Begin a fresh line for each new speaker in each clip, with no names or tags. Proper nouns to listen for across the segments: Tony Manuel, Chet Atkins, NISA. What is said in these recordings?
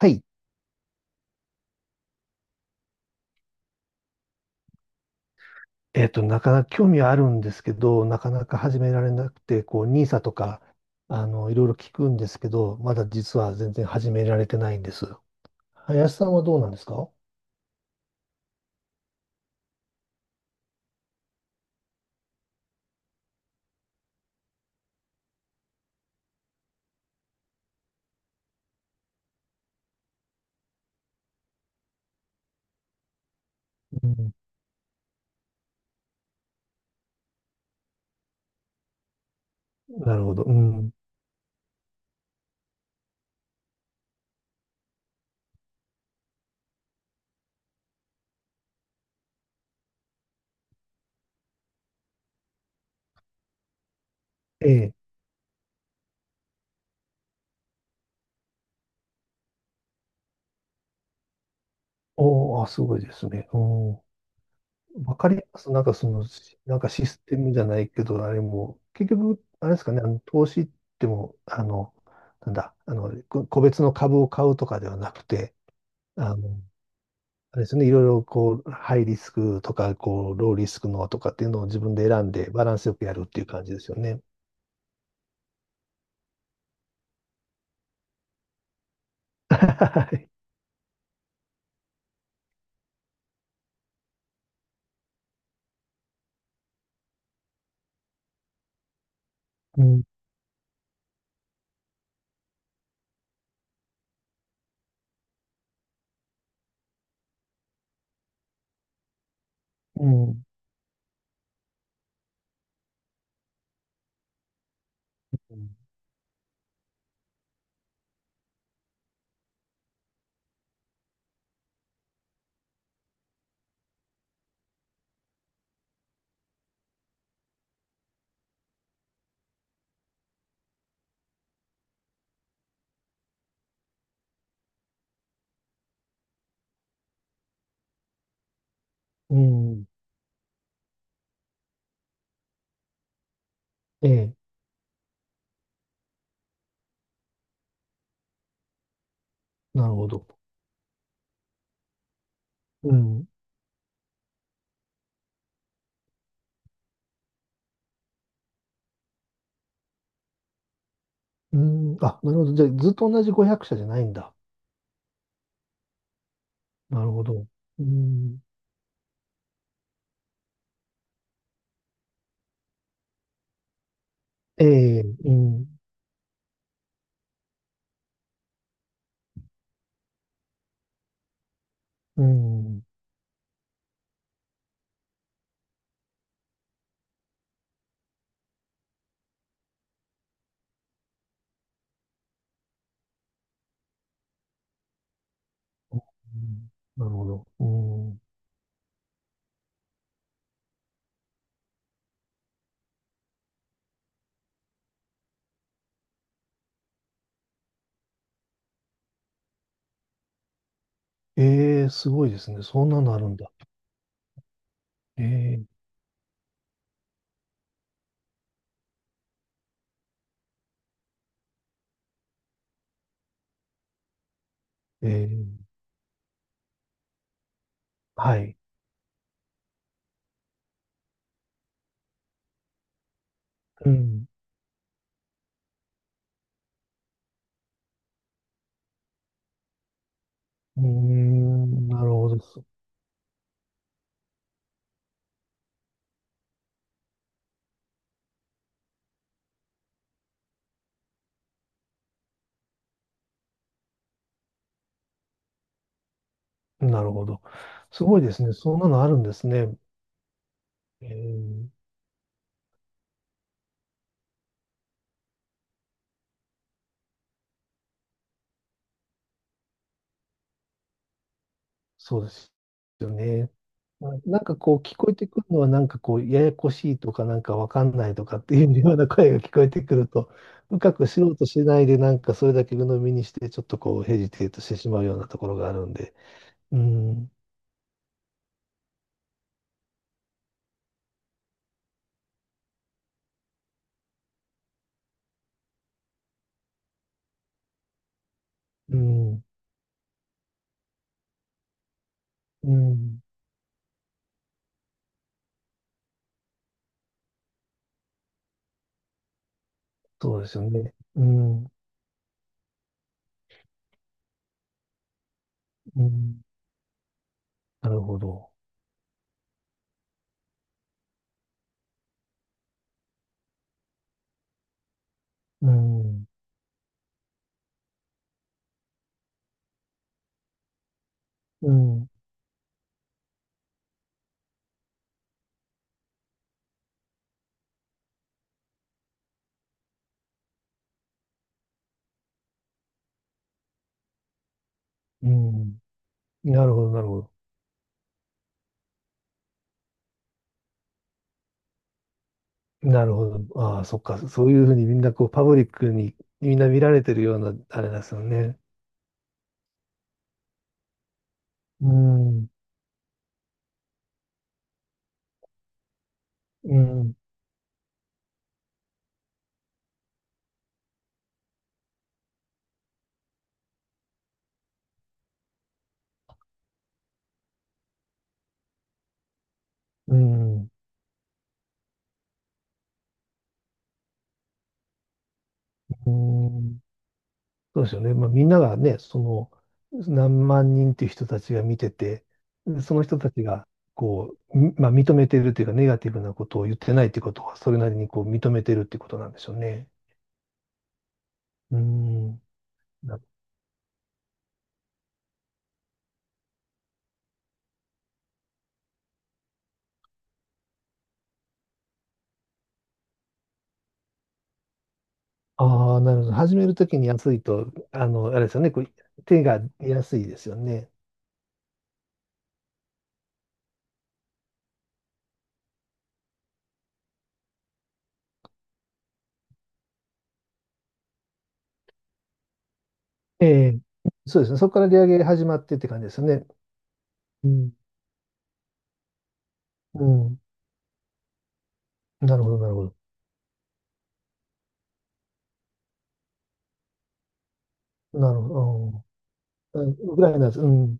はい。なかなか興味はあるんですけど、なかなか始められなくて、こう、NISA とか、いろいろ聞くんですけど、まだ実は全然始められてないんです。林さんはどうなんですか？うん、なるほど。うん。ええ。おーあ、すごいですね。うん。わかります。なんかその、なんかシステムじゃないけど、あれも、結局、あれですかね、投資っても、なんだ、個別の株を買うとかではなくて、あの、あれですね、いろいろこう、ハイリスクとか、こう、ローリスクのとかっていうのを自分で選んでバランスよくやるっていう感じですよね。はい。うん、うん、うん、うん、ええ、なるほど。うん、うん、あ、なるほど。じゃあ、ずっと同じ500社じゃないんだ。なるほど。うん、ええ、うん、うん、うん、なるほど。うん、ええ、すごいですね。そんなのあるんだ。ええ、ええ、はい。うん、うーん、なるほど。なるほど。すごいですね。そんなのあるんですね。えー、そうですよね。なんかこう聞こえてくるのはなんかこうややこしいとかなんかわかんないとかっていうような声が聞こえてくると、深く素人うとしないでなんかそれだけ鵜呑みにしてちょっとこうヘジテートしてしまうようなところがあるんで。うん、うん、うん。そうですよね。うん、うん。なるほど。うん、うん、うん。なるほど、なるほど。なるほど。ああ、そっか。そういうふうにみんなこう、パブリックにみんな見られてるような、あれなんですよね。うん、うん、うん、うん、そうですよね。まあ、みんながね、その、何万人っていう人たちが見てて、その人たちが、こう、みまあ、認めてるというか、ネガティブなことを言ってないってことは、それなりにこう、認めてるってことなんでしょうね。うん。なああ、なるほど。始めるときに安いと、あれですよね。こう手が安いですよね。ええ、そうですね。そこから利上げ始まってって感じですね。うん。うん。なるほど、なるほど。なるほど。うん、ウクライナです、うん。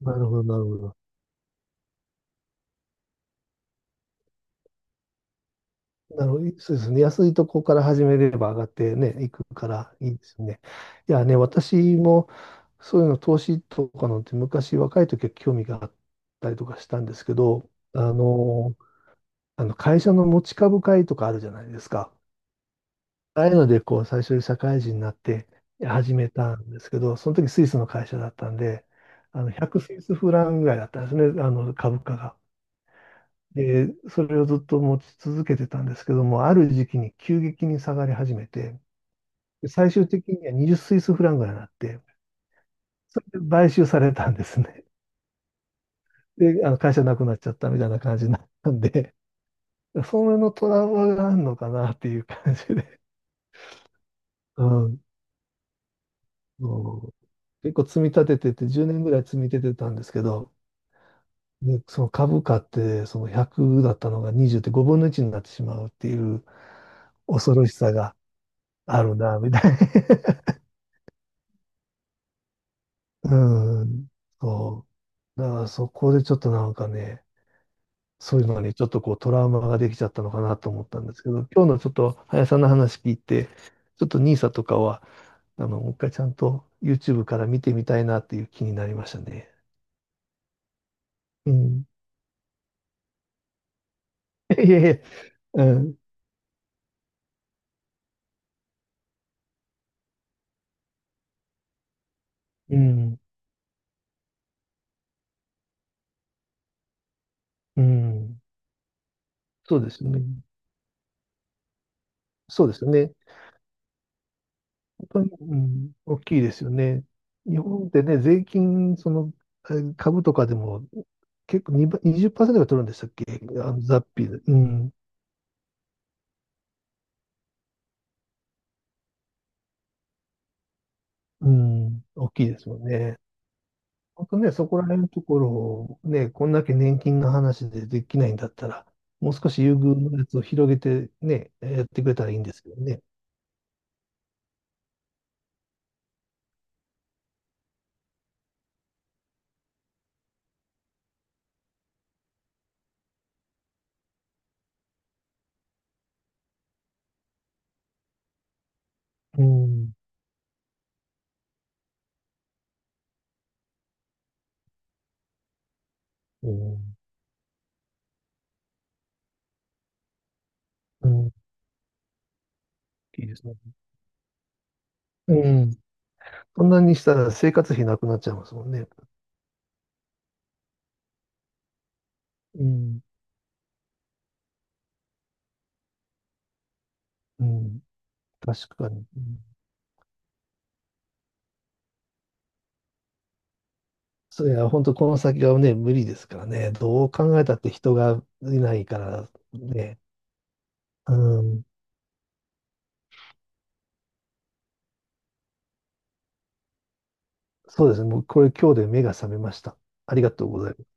なるほど、なるほど。なるほど。そうですね。安いとこから始めれば上がってね、いくからいいですね。いやね、私もそういうの投資とかのって昔若い時は興味があったりとかしたんですけど、あの、あの会社の持ち株会とかあるじゃないですか。ああいうので、こう、最初に社会人になって始めたんですけど、その時スイスの会社だったんで、100スイスフランぐらいだったんですね、株価が。で、それをずっと持ち続けてたんですけども、ある時期に急激に下がり始めて、で最終的には20スイスフランぐらいになって、それで買収されたんですね。で、会社なくなっちゃったみたいな感じになったんで、それのトラウマがあるのかなっていう感じで。うん。そう結構積み立ててて、10年ぐらい積み立ててたんですけど、で、その株価って、その100だったのが20って5分の1になってしまうっていう恐ろしさがあるな、みたいな。うん。そう。だからそこでちょっとなんかね、そういうのにちょっとこうトラウマができちゃったのかなと思ったんですけど、今日のちょっと林さんの話聞いて、ちょっとニーサとかは、もう一回ちゃんと YouTube から見てみたいなっていう気になりましたね。うん。いえいえ。うん。うん。うん。そうですうようね。ん。そうですよね。本当に、うん。大きいですよね。日本ってね、税金、その、株とかでも結構2ばにじゅっパーセントが取るんでしたっけ、雑費で。うん。うん。大きいですよね。本当ね、そこら辺のところをね、こんだけ年金の話でできないんだったら、もう少し優遇のやつを広げてね、やってくれたらいいんですけどね。うん。うん。うん。いいですね。うん、そんなにしたら生活費なくなっちゃいますもんね。うん。うん。確かに。うん、そういや、本当この先がね、無理ですからね。どう考えたって人がいないからね。うん。そうですね。もうこれ今日で目が覚めました。ありがとうございます。